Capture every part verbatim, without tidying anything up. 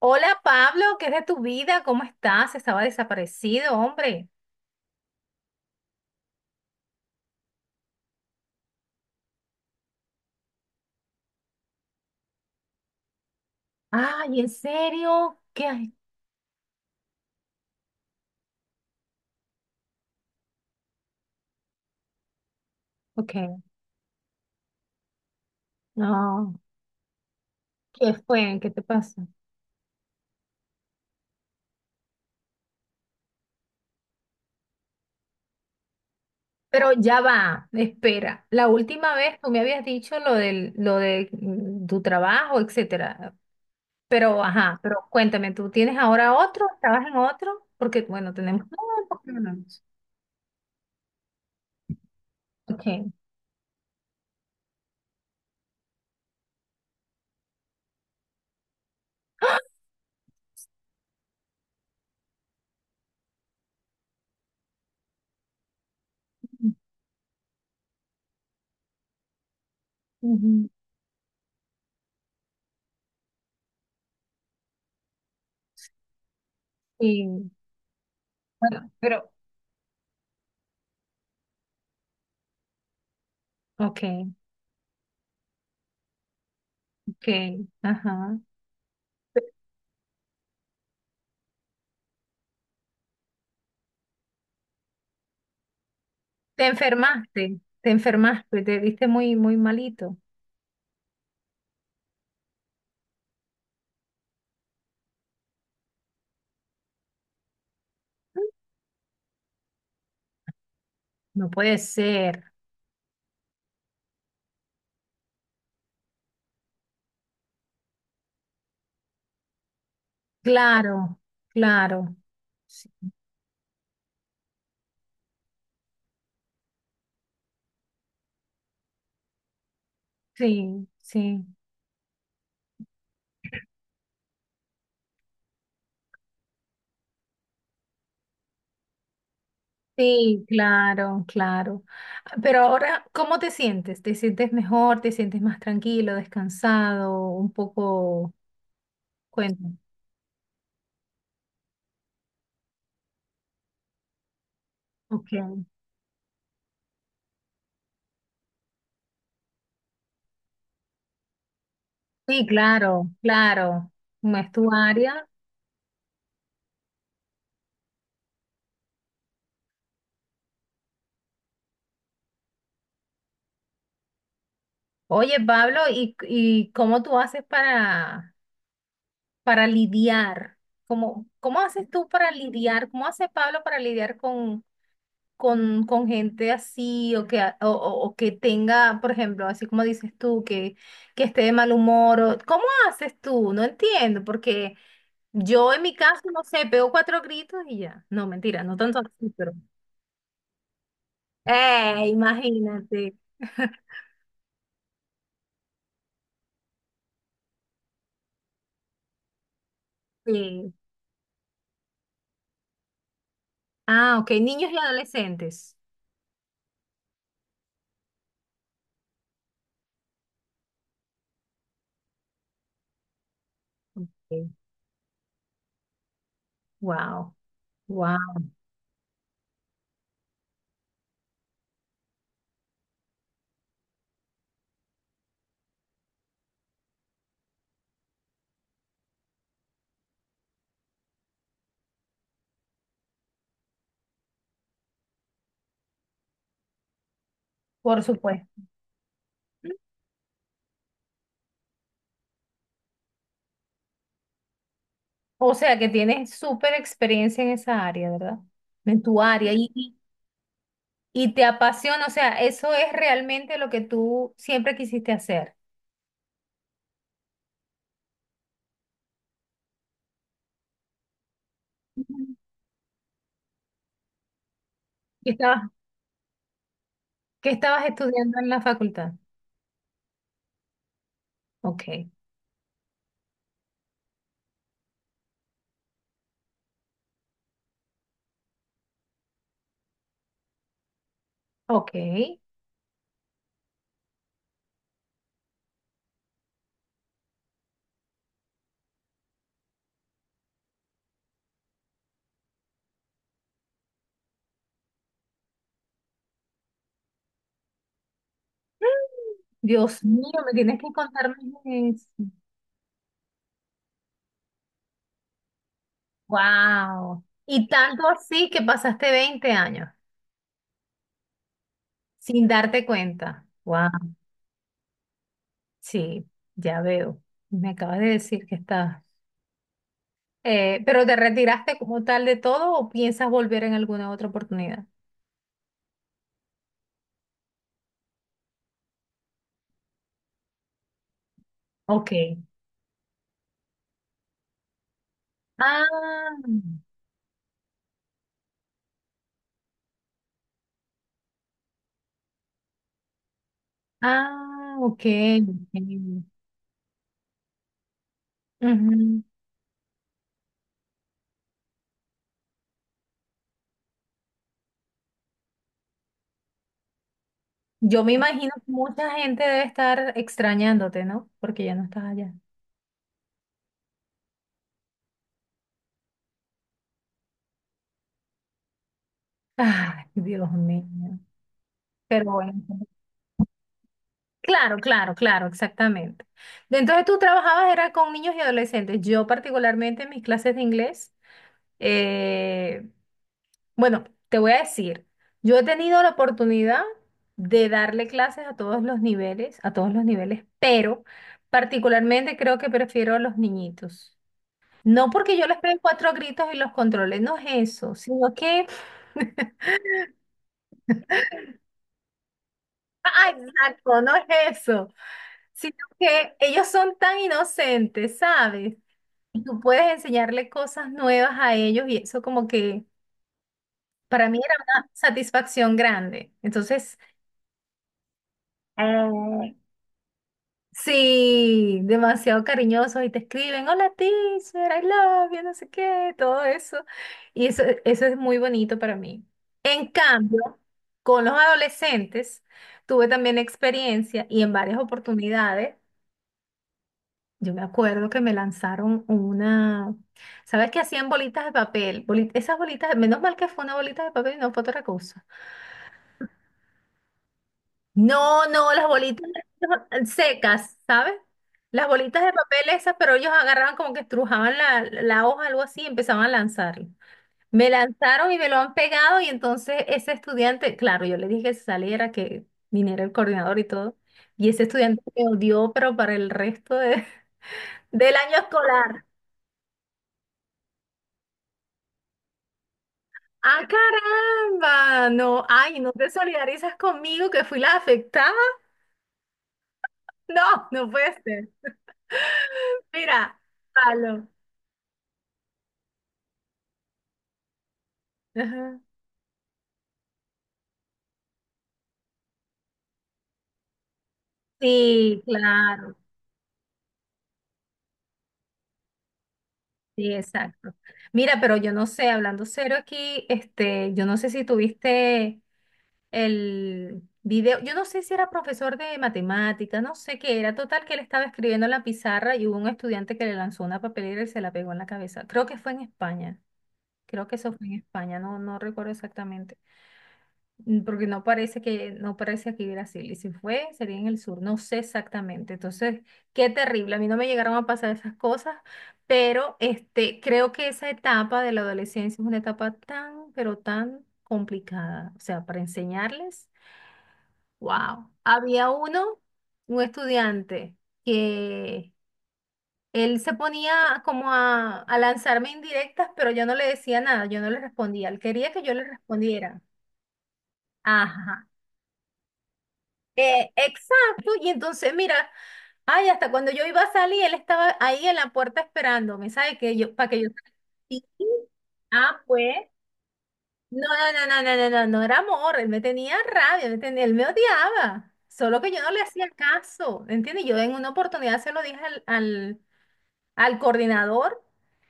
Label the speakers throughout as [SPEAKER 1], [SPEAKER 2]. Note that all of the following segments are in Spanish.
[SPEAKER 1] Hola Pablo, ¿qué es de tu vida? ¿Cómo estás? Estaba desaparecido, hombre. Ay, ¿en serio? ¿Qué hay? Ok, no. ¿Qué fue? ¿Qué te pasa? Pero ya va, espera. La última vez tú me habías dicho lo del, lo de mm, tu trabajo, etcétera. Pero, ajá, pero cuéntame, ¿tú tienes ahora otro? ¿Estabas en otro? Porque, bueno, tenemos. No, ¿por qué no? Hablamos. Ok. Ujú. Sí. Bueno, pero, ok, ok, ajá. Te enfermaste, te enfermaste, te viste muy, muy malito. No puede ser. Claro, claro. Sí, sí, sí, sí, claro, claro. Pero ahora, ¿cómo te sientes? ¿Te sientes mejor? ¿Te sientes más tranquilo, descansado? Un poco, cuéntame. Ok. Sí, claro, claro. No es tu área. Oye, Pablo, ¿y, y cómo tú haces para, para lidiar? ¿Cómo, cómo haces tú para lidiar? ¿Cómo hace Pablo para lidiar con, con, con gente así o que, a- o, o- o que tenga, por ejemplo, así como dices tú, que, que esté de mal humor? O- ¿cómo haces tú? No entiendo, porque yo en mi caso, no sé, pego cuatro gritos y ya. No, mentira, no tanto así, pero... ¡Eh, imagínate! Sí. Ah, ok, niños y adolescentes. Wow, wow, por supuesto. O sea que tienes súper experiencia en esa área, ¿verdad? En tu área y, y y te apasiona, o sea, eso es realmente lo que tú siempre quisiste hacer. Ujú. ¿Qué estabas, qué estabas estudiando en la facultad? Ok, ok. Dios mío, me tienes que contar más de eso. Wow. Y tanto así que pasaste veinte años sin darte cuenta. Wow. Sí, ya veo. Me acabas de decir que estabas. Eh, ¿pero te retiraste como tal de todo o piensas volver en alguna otra oportunidad? Ok. Ah, ah, ok, ok. Ujú. Yo me imagino que mucha gente debe estar extrañándote, ¿no? Porque ya no estás allá. Ay, Dios mío. Pero bueno. Claro, claro, claro, exactamente. Entonces tú trabajabas era con niños y adolescentes. Yo particularmente en mis clases de inglés eh, bueno, te voy a decir, yo he tenido la oportunidad de darle clases a todos los niveles, a todos los niveles, pero particularmente creo que prefiero a los niñitos. No porque yo les pegue cuatro gritos y los controle, no es eso, sino que, ah, exacto, no es eso, sino que ellos son tan inocentes, ¿sabes? Y tú puedes enseñarle cosas nuevas a ellos y eso como que para mí era una satisfacción grande. Entonces... Eh, sí, demasiado cariñosos y te escriben, hola teacher, I love you, no sé qué, todo eso. Y eso, eso es muy bonito para mí. En cambio, con los adolescentes tuve también experiencia y en varias oportunidades, yo me acuerdo que me lanzaron una, ¿sabes qué hacían bolitas de papel? Boli- esas bolitas, menos mal que fue una bolita de papel y no fue otra cosa. No, no, las bolitas secas, ¿sabes? Las bolitas de papel esas, pero ellos agarraban como que estrujaban la, la hoja, algo así, y empezaban a lanzarlo. Me lanzaron y me lo han pegado y entonces ese estudiante, claro, yo le dije que se saliera, que viniera el coordinador y todo, y ese estudiante me odió, pero para el resto de- del año escolar. ¡Ah, caramba! No, ay, ¿no te solidarizas conmigo que fui la afectada? No, no puede ser. Mira, palo. Ajá. Sí, claro, sí, exacto. Mira, pero yo no sé, hablando serio aquí, este, yo no sé si tuviste el video, yo no sé si era profesor de matemática. No sé qué era, total que él estaba escribiendo en la pizarra y hubo un estudiante que le lanzó una papelera y se la pegó en la cabeza. Creo que fue en España, creo que eso fue en España, no, no recuerdo exactamente. Mm, Porque no parece que, no parece aquí Brasil. Y si fue, sería en el sur. No sé exactamente. Entonces, qué terrible. A mí no me llegaron a pasar esas cosas, pero este, creo que esa etapa de la adolescencia es una etapa tan, pero tan complicada. O sea, para enseñarles, wow. Había uno, un estudiante, que él se ponía como a, a lanzarme indirectas, pero yo no le decía nada, yo no le respondía. Él quería que yo le respondiera. Ajá. Eh, exacto, y entonces mira, ay, hasta cuando yo iba a salir, él estaba ahí en la puerta esperándome, ¿sabe? Que yo, para que yo salí. Ah, pues. No, no, no, no, no, no, no, no era amor, él me tenía rabia, me tenía- él me odiaba, solo que yo no le hacía caso, ¿entiendes? Yo en una oportunidad se lo dije al, al, al coordinador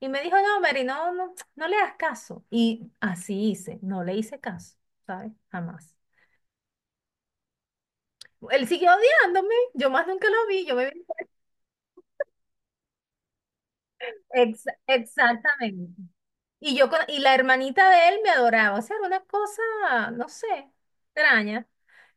[SPEAKER 1] y me dijo, no, Mary, no, no, no le hagas caso. Y así hice, no le hice caso, ¿sabes? Jamás. Él siguió odiándome, yo más nunca lo vi, yo me. Ex- exactamente. Y yo con- y la hermanita de él me adoraba, o sea, era una cosa, no sé, extraña.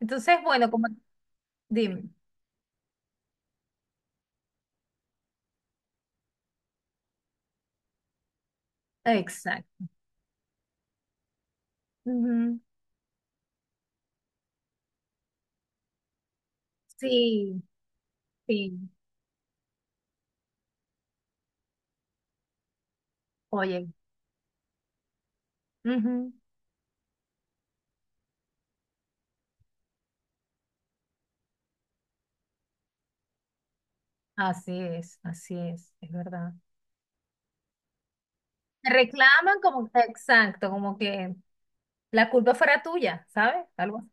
[SPEAKER 1] Entonces, bueno, como dime, exacto. Ujú. Sí, sí, oye, ujú. Así es, así es, es verdad. Te reclaman como, exacto, como que la culpa fuera tuya, ¿sabes? Algo así.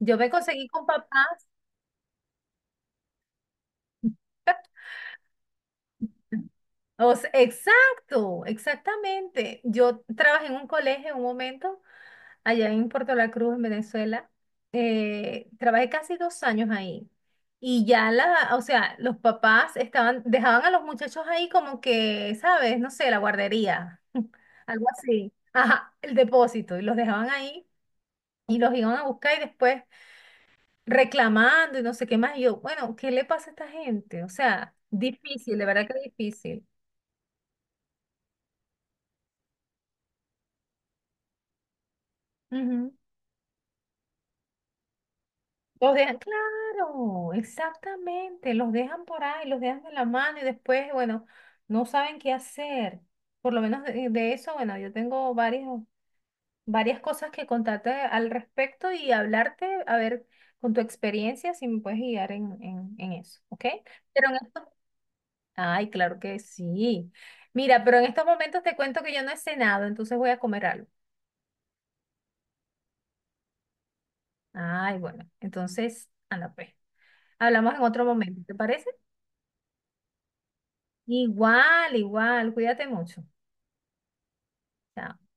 [SPEAKER 1] Yo me conseguí con papás. O sea, exacto, exactamente. Yo trabajé en un colegio en un momento allá en Puerto La Cruz, en Venezuela. Eh, trabajé casi dos años ahí. Y ya la, o sea, los papás estaban, dejaban a los muchachos ahí como que, ¿sabes? No sé, la guardería, algo así. Ajá, el depósito. Y los dejaban ahí y los iban a buscar y después reclamando y no sé qué más. Y yo, bueno, ¿qué le pasa a esta gente? O sea, difícil, de verdad que difícil. Ujú. Los dejan, claro, exactamente, los dejan por ahí, los dejan de la mano y después, bueno, no saben qué hacer. Por lo menos de, de eso, bueno, yo tengo varias, varias cosas que contarte al respecto y hablarte, a ver, con tu experiencia, si me puedes guiar en, en, en eso, ¿ok? Pero en estos, ay, claro que sí. Mira, pero en estos momentos te cuento que yo no he cenado, entonces voy a comer algo. Ay, bueno, entonces, anda pues. Hablamos en otro momento, ¿te parece? Igual, igual, cuídate mucho. Chao.